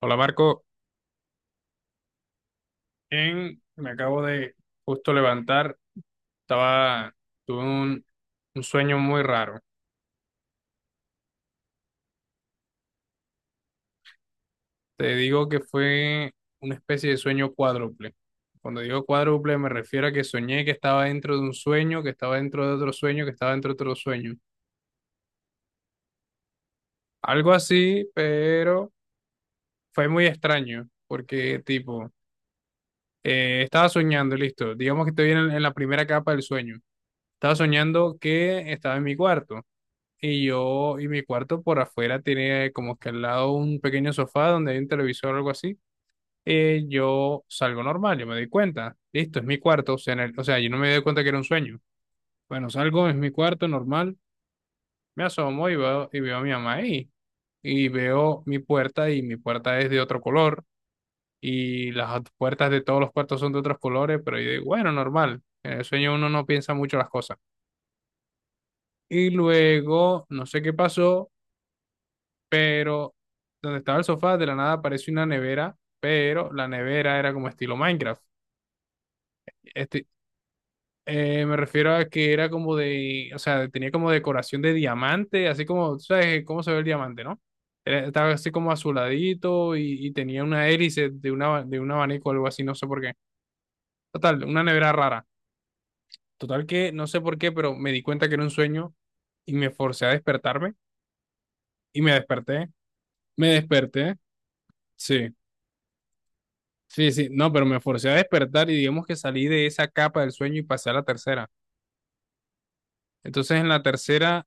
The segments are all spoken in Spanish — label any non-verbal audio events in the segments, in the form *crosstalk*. Hola Marco, bien, me acabo de justo levantar, estaba, tuve un sueño muy raro. Te digo que fue una especie de sueño cuádruple. Cuando digo cuádruple me refiero a que soñé que estaba dentro de un sueño, que estaba dentro de otro sueño, que estaba dentro de otro sueño. Algo así, pero fue muy extraño, porque tipo, estaba soñando, listo, digamos que estoy en la primera capa del sueño. Estaba soñando que estaba en mi cuarto. Y yo y mi cuarto por afuera tiene como que al lado un pequeño sofá donde hay un televisor o algo así. Eh, yo salgo normal, yo me doy cuenta, listo, es mi cuarto, o sea, en el- o sea, yo no me doy cuenta que era un sueño. Bueno, salgo, es mi cuarto normal, me asomo y veo a mi mamá ahí y veo mi puerta y mi puerta es de otro color y las ot- puertas de todos los cuartos son de otros colores, pero yo digo, bueno, normal, en el sueño uno no piensa mucho las cosas. Y luego, no sé qué pasó pero donde estaba el sofá, de la nada apareció una nevera, pero la nevera era como estilo Minecraft. Este, me refiero a que era como de, o sea, tenía como decoración de diamante, así como, tú sabes cómo se ve el diamante, ¿no? Era- Estaba así como azuladito y tenía una hélice de, una, de un abanico o algo así, no sé por qué. Total, una nevera rara. Total que no sé por qué, pero me di cuenta que era un sueño y me forcé a despertarme y me desperté. Me desperté, sí. Sí, sí, no, pero me forcé a despertar y digamos que salí de esa capa del sueño y pasé a la tercera. Entonces en la tercera,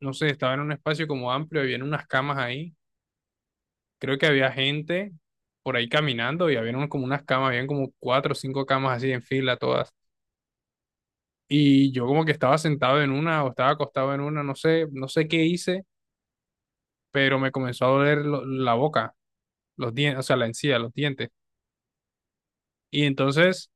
no sé, estaba en un espacio como amplio, había unas camas ahí, creo que había gente por ahí caminando y había como unas camas, habían como cuatro o cinco camas así en fila todas. Y yo como que estaba sentado en una o estaba acostado en una, no sé, no sé qué hice, pero me comenzó a doler lo- la boca, los dientes, o sea, la encía, los dientes. Y entonces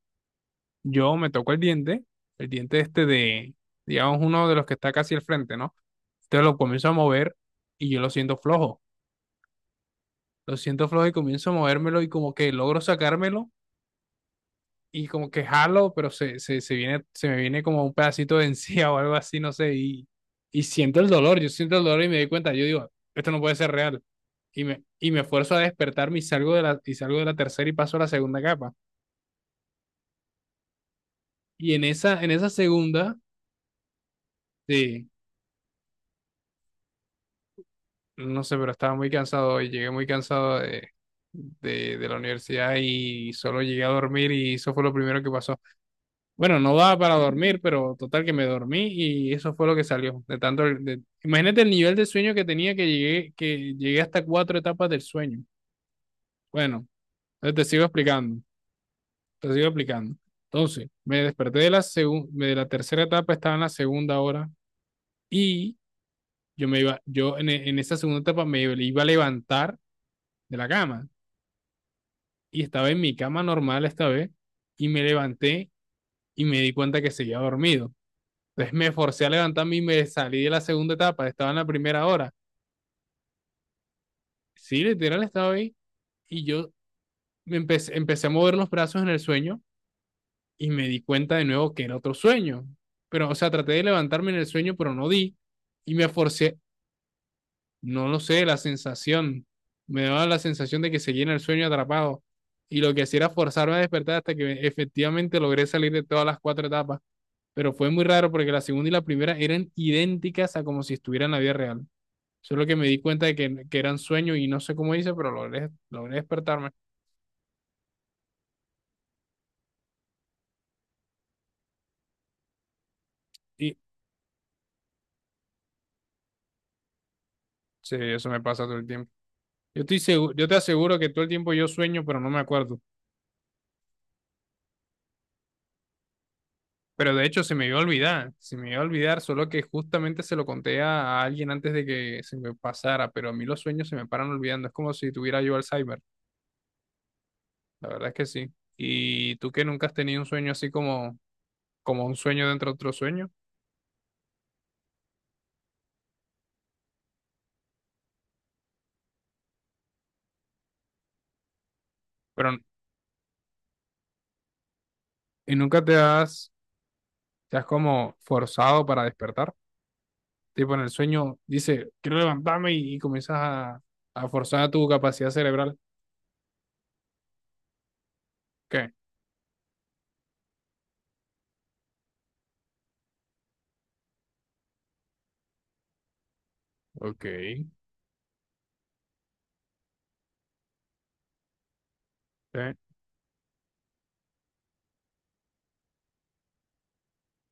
yo me toco el diente este de, digamos, uno de los que está casi al frente, ¿no? Entonces lo comienzo a mover y yo lo siento flojo y comienzo a movérmelo y como que logro sacármelo y como que jalo, pero se viene, se me viene como un pedacito de encía *laughs* o algo así, no sé, y siento el dolor, yo siento el dolor y me doy cuenta, yo digo, esto no puede ser real. Y me esfuerzo a despertarme y salgo de la, y salgo de la tercera y paso a la segunda capa. Y en esa segunda, sí, no sé, pero estaba muy cansado hoy. Llegué muy cansado de la universidad y solo llegué a dormir y eso fue lo primero que pasó. Bueno, no daba para dormir, pero total que me dormí y eso fue lo que salió. De tanto, el- de- imagínate el nivel de sueño que tenía que llegué hasta cuatro etapas del sueño. Bueno, entonces te sigo explicando, te sigo explicando. Entonces, me desperté de la segun- de la tercera etapa, estaba en la segunda hora y yo me iba, yo en, e- en esa segunda etapa me iba a levantar de la cama. Y estaba en mi cama normal esta vez y me levanté y me di cuenta que seguía dormido. Entonces me forcé a levantarme y me salí de la segunda etapa, estaba en la primera hora. Sí, literal estaba ahí y yo me empecé, empecé a mover los brazos en el sueño y me di cuenta de nuevo que era otro sueño. Pero, o sea, traté de levantarme en el sueño, pero no di y me forcé, no lo sé, la sensación, me daba la sensación de que seguía en el sueño atrapado. Y lo que hacía era forzarme a despertar hasta que efectivamente logré salir de todas las cuatro etapas. Pero fue muy raro porque la segunda y la primera eran idénticas a como si estuviera en la vida real. Solo que me di cuenta de que eran sueños y no sé cómo hice, pero logré, logré despertarme. Y sí, eso me pasa todo el tiempo. Yo estoy seguro, yo te aseguro que todo el tiempo yo sueño, pero no me acuerdo. Pero de hecho se me iba a olvidar, se me iba a olvidar, solo que justamente se lo conté a alguien antes de que se me pasara, pero a mí los sueños se me paran olvidando, es como si tuviera yo Alzheimer, la verdad es que sí. ¿Y tú que nunca has tenido un sueño así como, como un sueño dentro de otro sueño, pero y nunca te has, te has como forzado para despertar? Tipo en el sueño, dice, quiero levantarme y comienzas a forzar tu capacidad cerebral. ¿Qué? Ok. Sí.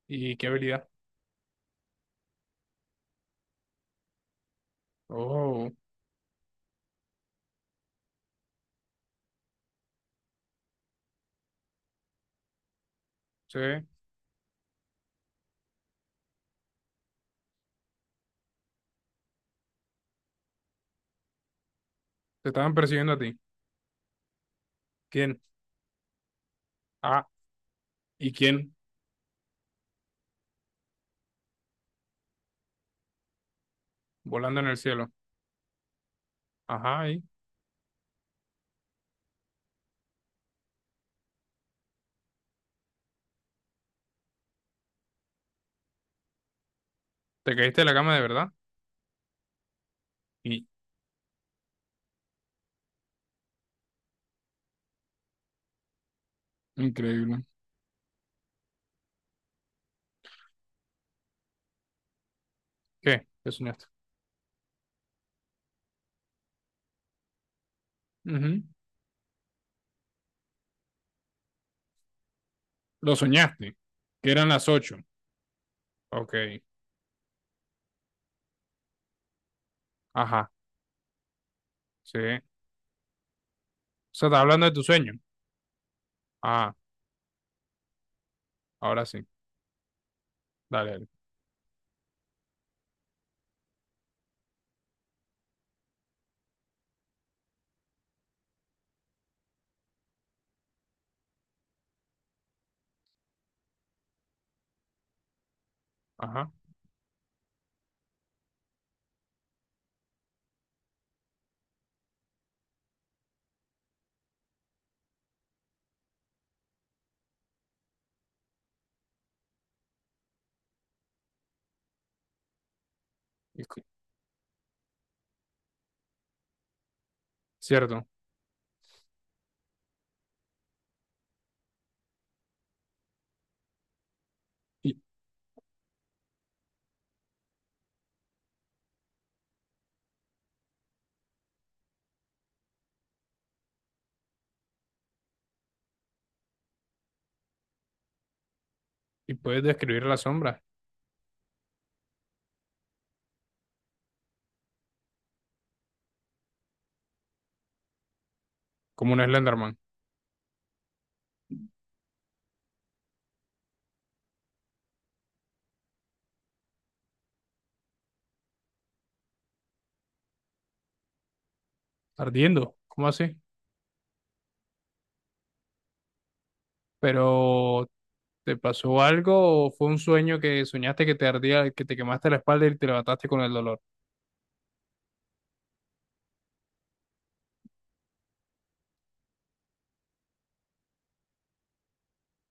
¿Y qué habilidad? Oh, sí. Te estaban persiguiendo a ti. ¿Quién? Ah, ¿y quién? Volando en el cielo. Ajá, ¿y? ¿Te caíste de la cama de verdad? Y, increíble. ¿Qué? ¿Qué soñaste? Ujú. Lo soñaste. Que eran las 8. Ok. Ajá. Sí. O sea, estás hablando de tu sueño. Ah, ahora sí. Dale, dale. Ajá. Y cu- Cierto. Y, ¿y puedes describir la sombra como un Slenderman? Ardiendo. ¿Cómo así? Pero, ¿te pasó algo o fue un sueño que soñaste que te ardía, que te quemaste la espalda y te levantaste con el dolor?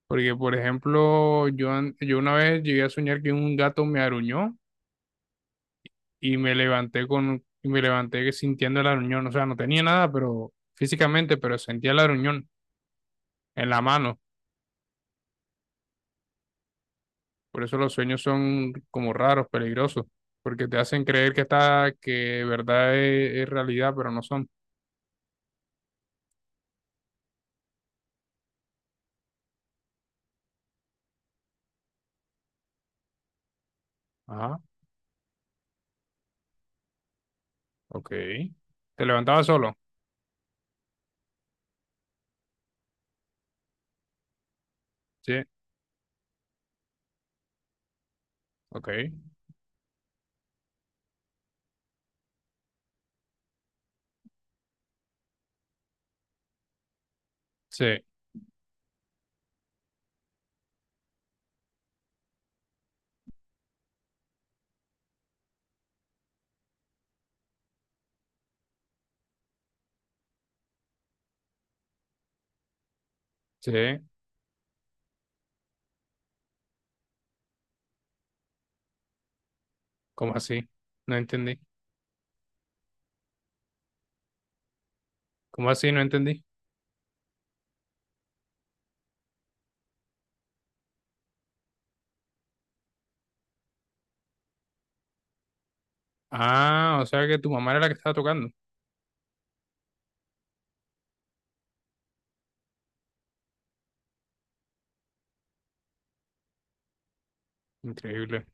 Porque, por ejemplo, yo, an- yo una vez llegué a soñar que un gato me aruñó y me levanté con, y me levanté sintiendo el aruñón. O sea, no tenía nada, pero físicamente, pero sentía el aruñón en la mano. Por eso los sueños son como raros, peligrosos, porque te hacen creer que está, que de verdad es realidad, pero no son. Ajá, ok. ¿Te levantabas solo? Sí, ok. Sí, sí. ¿Cómo así? No entendí. ¿Cómo así? No entendí. Ah, o sea que tu mamá era la que estaba tocando. Increíble.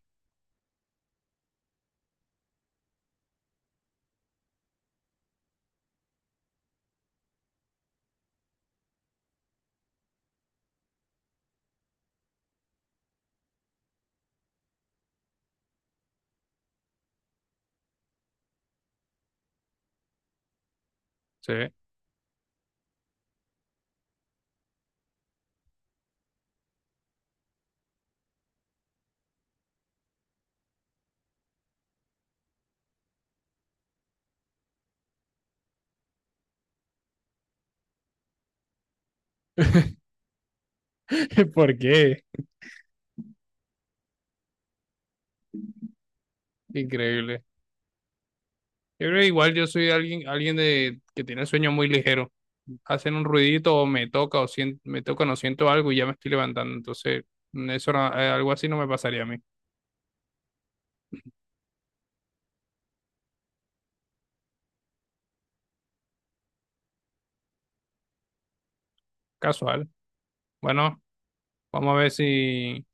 Sí. *laughs* ¿Por qué? Increíble. Yo creo que igual yo soy alguien, alguien de, que tiene sueños muy ligeros. Hacen un ruidito o me toca o siento, me tocan o no siento algo y ya me estoy levantando. Entonces, eso no- algo así no me pasaría a mí. Casual. Bueno, vamos a ver si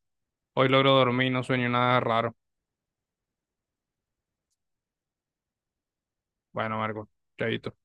hoy logro dormir y no sueño nada raro. Bueno, Marco, chaito.